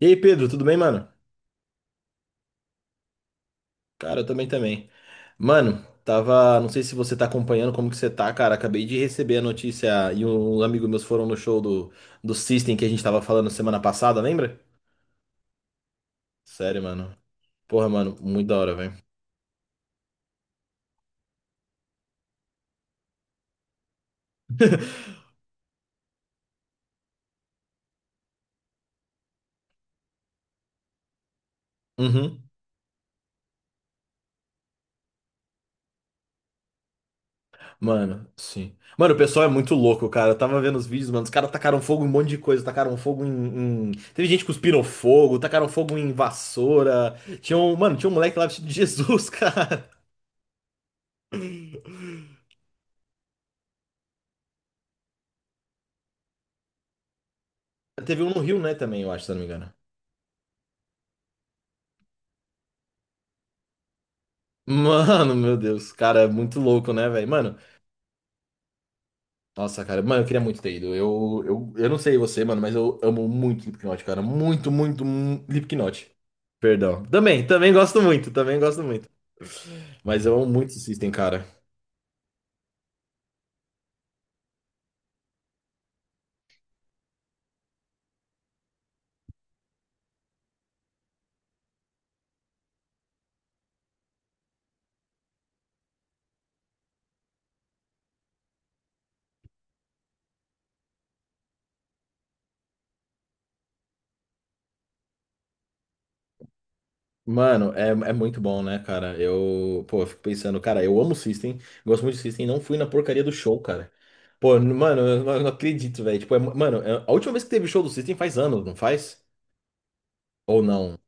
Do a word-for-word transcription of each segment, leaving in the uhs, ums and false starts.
E aí, Pedro, tudo bem, mano? Cara, eu também também. Mano, tava, não sei se você tá acompanhando como que você tá, cara. Acabei de receber a notícia e um amigo meus foram no show do do System que a gente tava falando semana passada, lembra? Sério, mano. Porra, mano, muito da hora, velho. Uhum. Mano, sim. Mano, o pessoal é muito louco, cara. Eu tava vendo os vídeos, mano. Os caras tacaram fogo em um monte de coisa. Tacaram fogo em, em- Teve gente que cuspiram fogo, tacaram fogo em vassoura. Tinha um... Mano, tinha um moleque lá vestido de Jesus, cara. Teve um no Rio, né, também, eu acho, se eu não me engano. Mano, meu Deus, cara, é muito louco, né, velho? Mano, nossa, cara, mano, eu queria muito ter ido. Eu, eu, eu não sei você, mano, mas eu amo muito Slipknot, cara. Muito, muito, mu- Slipknot. Perdão. Também, também gosto muito, também gosto muito. Mas eu amo muito System, cara. Mano, é, é muito bom, né, cara? Eu, pô, eu fico pensando, cara, eu amo System, gosto muito de System, não fui na porcaria do show, cara. Pô, n- mano, eu não eu não acredito, velho. Tipo, é- mano, é- a última vez que teve show do System faz anos, não faz? Ou não?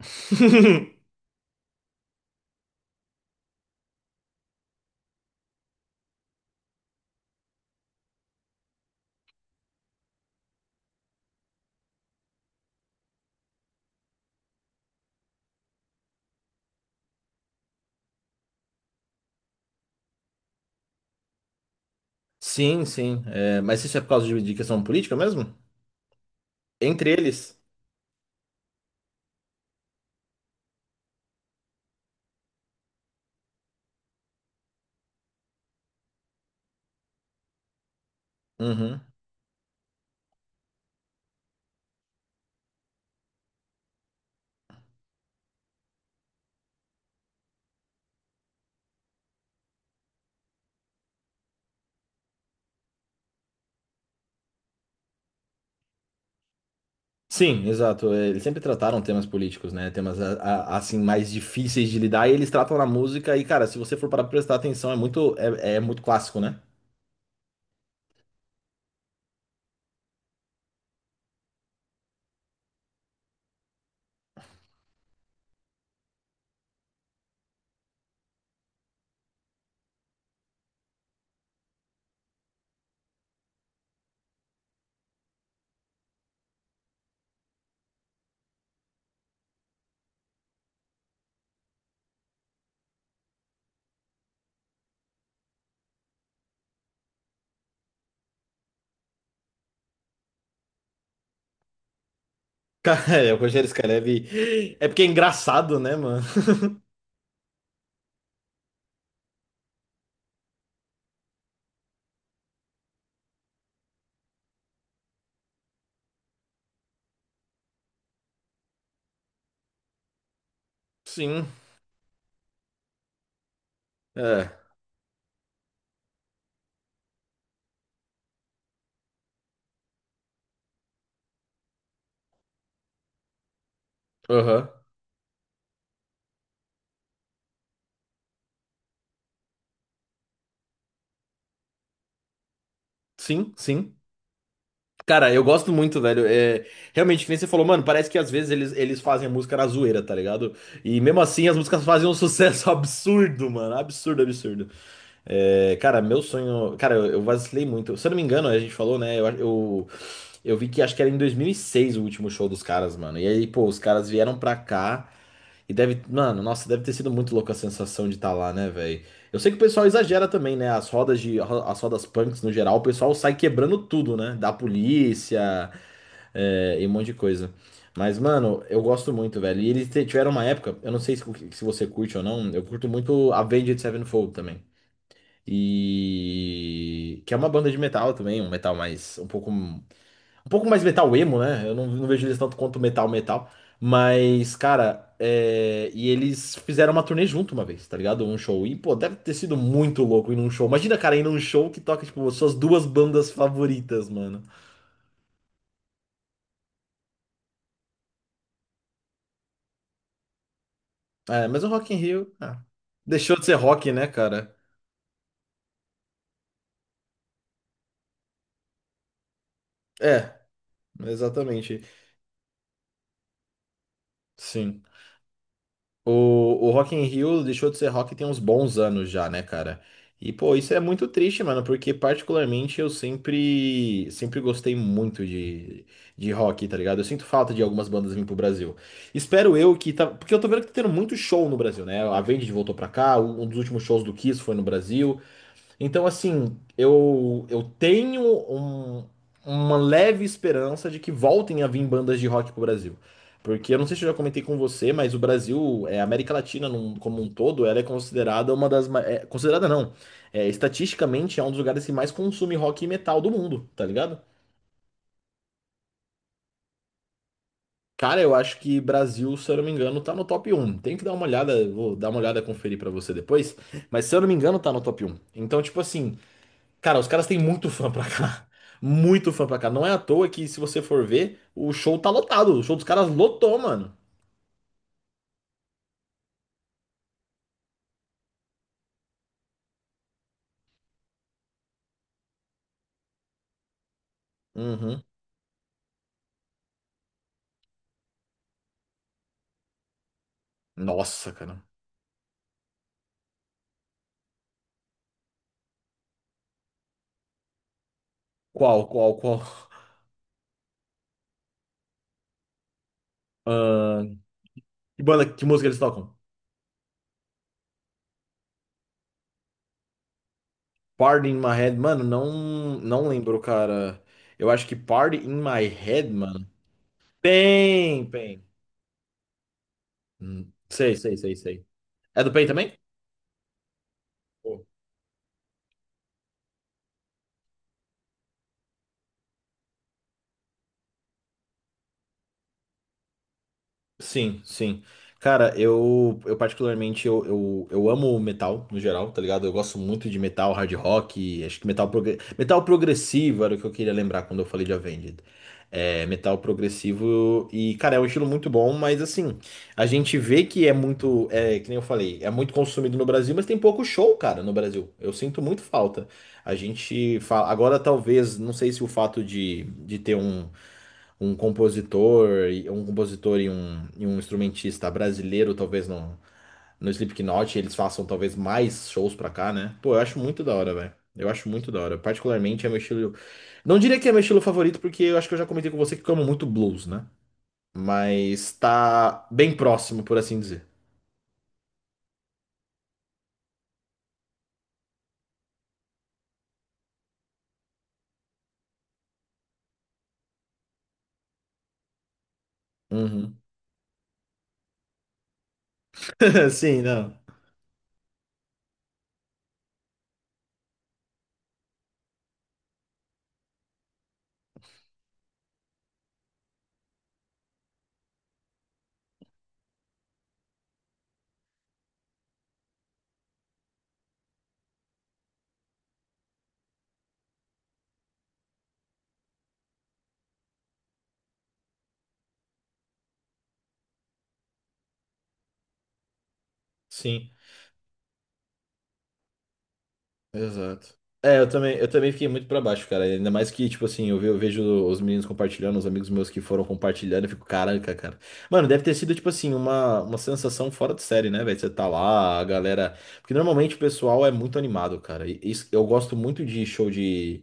Sim, sim. É, mas isso é por causa de, de questão política mesmo? Entre eles? Uhum. Sim, exato. É, eles sempre trataram temas políticos, né? Temas a- a- assim mais difíceis de lidar. E eles tratam na música. E cara, se você for para prestar atenção, é muito é, é muito clássico, né? Cara, é, o Rogério Skylab é porque é engraçado, né, mano? Sim. É. Aham. Sim, sim. Cara, eu gosto muito, velho. É, realmente, que nem você falou, mano, parece que às vezes eles, eles fazem a música na zoeira, tá ligado? E mesmo assim as músicas fazem um sucesso absurdo, mano. Absurdo, absurdo. É, cara, meu sonho. Cara, eu, eu vacilei muito. Se eu não me engano, a gente falou, né? Eu, eu, eu vi que acho que era em dois mil e seis o último show dos caras, mano. E aí, pô, os caras vieram pra cá. E deve, mano, nossa, deve ter sido muito louca a sensação de estar lá, né, velho? Eu sei que o pessoal exagera também, né? As rodas de, as rodas punks no geral, o pessoal sai quebrando tudo, né? Da polícia, é, e um monte de coisa. Mas, mano, eu gosto muito, velho. E eles te- tiveram uma época, eu não sei se, se você curte ou não, eu curto muito Avenged Sevenfold também. E que é uma banda de metal também, um metal mais um pouco um pouco mais metal emo, né? Eu não, não vejo eles tanto quanto metal metal. Mas, cara, é, e eles fizeram uma turnê junto uma vez, tá ligado? Um show. E, pô, deve ter sido muito louco ir num show. Imagina, cara, ir num show que toca, tipo, suas duas bandas favoritas, mano. É, mas o Rock in Rio, ah, deixou de ser rock, né, cara? É, exatamente. Sim. O, o Rock in Rio deixou de ser rock tem uns bons anos já, né, cara? E, pô, isso é muito triste, mano, porque particularmente eu sempre, sempre gostei muito de, de rock, tá ligado? Eu sinto falta de algumas bandas vir pro Brasil. Espero eu que tá, porque eu tô vendo que tá tendo muito show no Brasil, né? A Avenged voltou pra cá, um um dos últimos shows do Kiss foi no Brasil. Então, assim, eu, eu tenho um- uma leve esperança de que voltem a vir bandas de rock pro Brasil. Porque eu não sei se eu já comentei com você, mas o Brasil, é, a América Latina num- como um todo, ela é considerada uma das. ma- É, considerada não. É, estatisticamente é um dos lugares que mais consome rock e metal do mundo, tá ligado? Cara, eu acho que Brasil, se eu não me engano, tá no top um. Tem que dar uma olhada, vou dar uma olhada, conferir pra você depois. Mas se eu não me engano, tá no top um. Então, tipo assim, cara, os caras têm muito fã pra cá. Muito fã pra cá. Não é à toa que, se você for ver, o show tá lotado. O show dos caras lotou, mano. Uhum. Nossa, cara. Qual, qual, qual? Ahn, que banda, que música eles tocam? Party in My Head. Mano, não, não lembro, cara. Eu acho que Party in My Head, mano. Pain, Pain. Hum, sei, sei, sei, sei. É do Pain também? Sim, sim. Cara, eu, eu particularmente eu, eu, eu amo metal no geral, tá ligado? Eu gosto muito de metal, hard rock, acho que metal, progre... metal progressivo era o que eu queria lembrar quando eu falei de Avenged. É, metal progressivo e, cara, é um estilo muito bom, mas assim, a gente vê que é muito, é, que nem eu falei, é muito consumido no Brasil, mas tem pouco show, cara, no Brasil. Eu sinto muito falta. A gente fala, agora talvez, não sei se o fato de, de ter um um compositor, e- um compositor e um, e um instrumentista brasileiro, talvez no, no Slipknot, eles façam talvez mais shows pra cá, né? Pô, eu acho muito da hora, velho. Eu acho muito da hora. Particularmente é meu estilo. Não diria que é meu estilo favorito, porque eu acho que eu já comentei com você que eu amo muito blues, né? Mas tá bem próximo, por assim dizer. Uhum. Sim, não. Sim. Exato. É, eu também, eu também fiquei muito pra baixo, cara. Ainda mais que, tipo assim, eu, ve- eu vejo os meninos compartilhando, os amigos meus que foram compartilhando, eu fico, caraca, cara. Mano, deve ter sido, tipo assim, uma, uma sensação fora de série, né, velho? Você tá lá, a galera. Porque normalmente o pessoal é muito animado, cara. E isso- eu gosto muito de show de,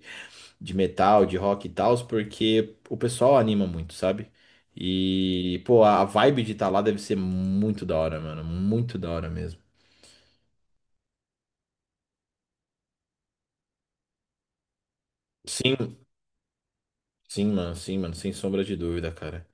de metal, de rock e tal, porque o pessoal anima muito, sabe? E, pô, a a vibe de estar lá deve ser muito da hora, mano. Muito da hora mesmo. Sim, sim, mano, sim, mano, sem sombra de dúvida, cara.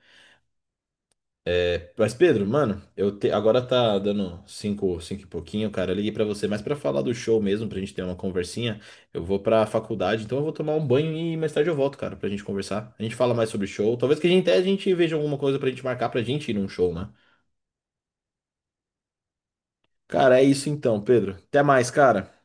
Mas Pedro, mano, eu te- agora tá dando cinco, cinco e pouquinho, cara. Eu liguei pra você, mas pra falar do show mesmo, pra gente ter uma conversinha, eu vou pra faculdade, então eu vou tomar um banho e mais tarde eu volto, cara, pra gente conversar. A gente fala mais sobre show. Talvez que a gente até a gente veja alguma coisa pra gente marcar pra gente ir num show, né? Cara, é isso então, Pedro. Até mais, cara.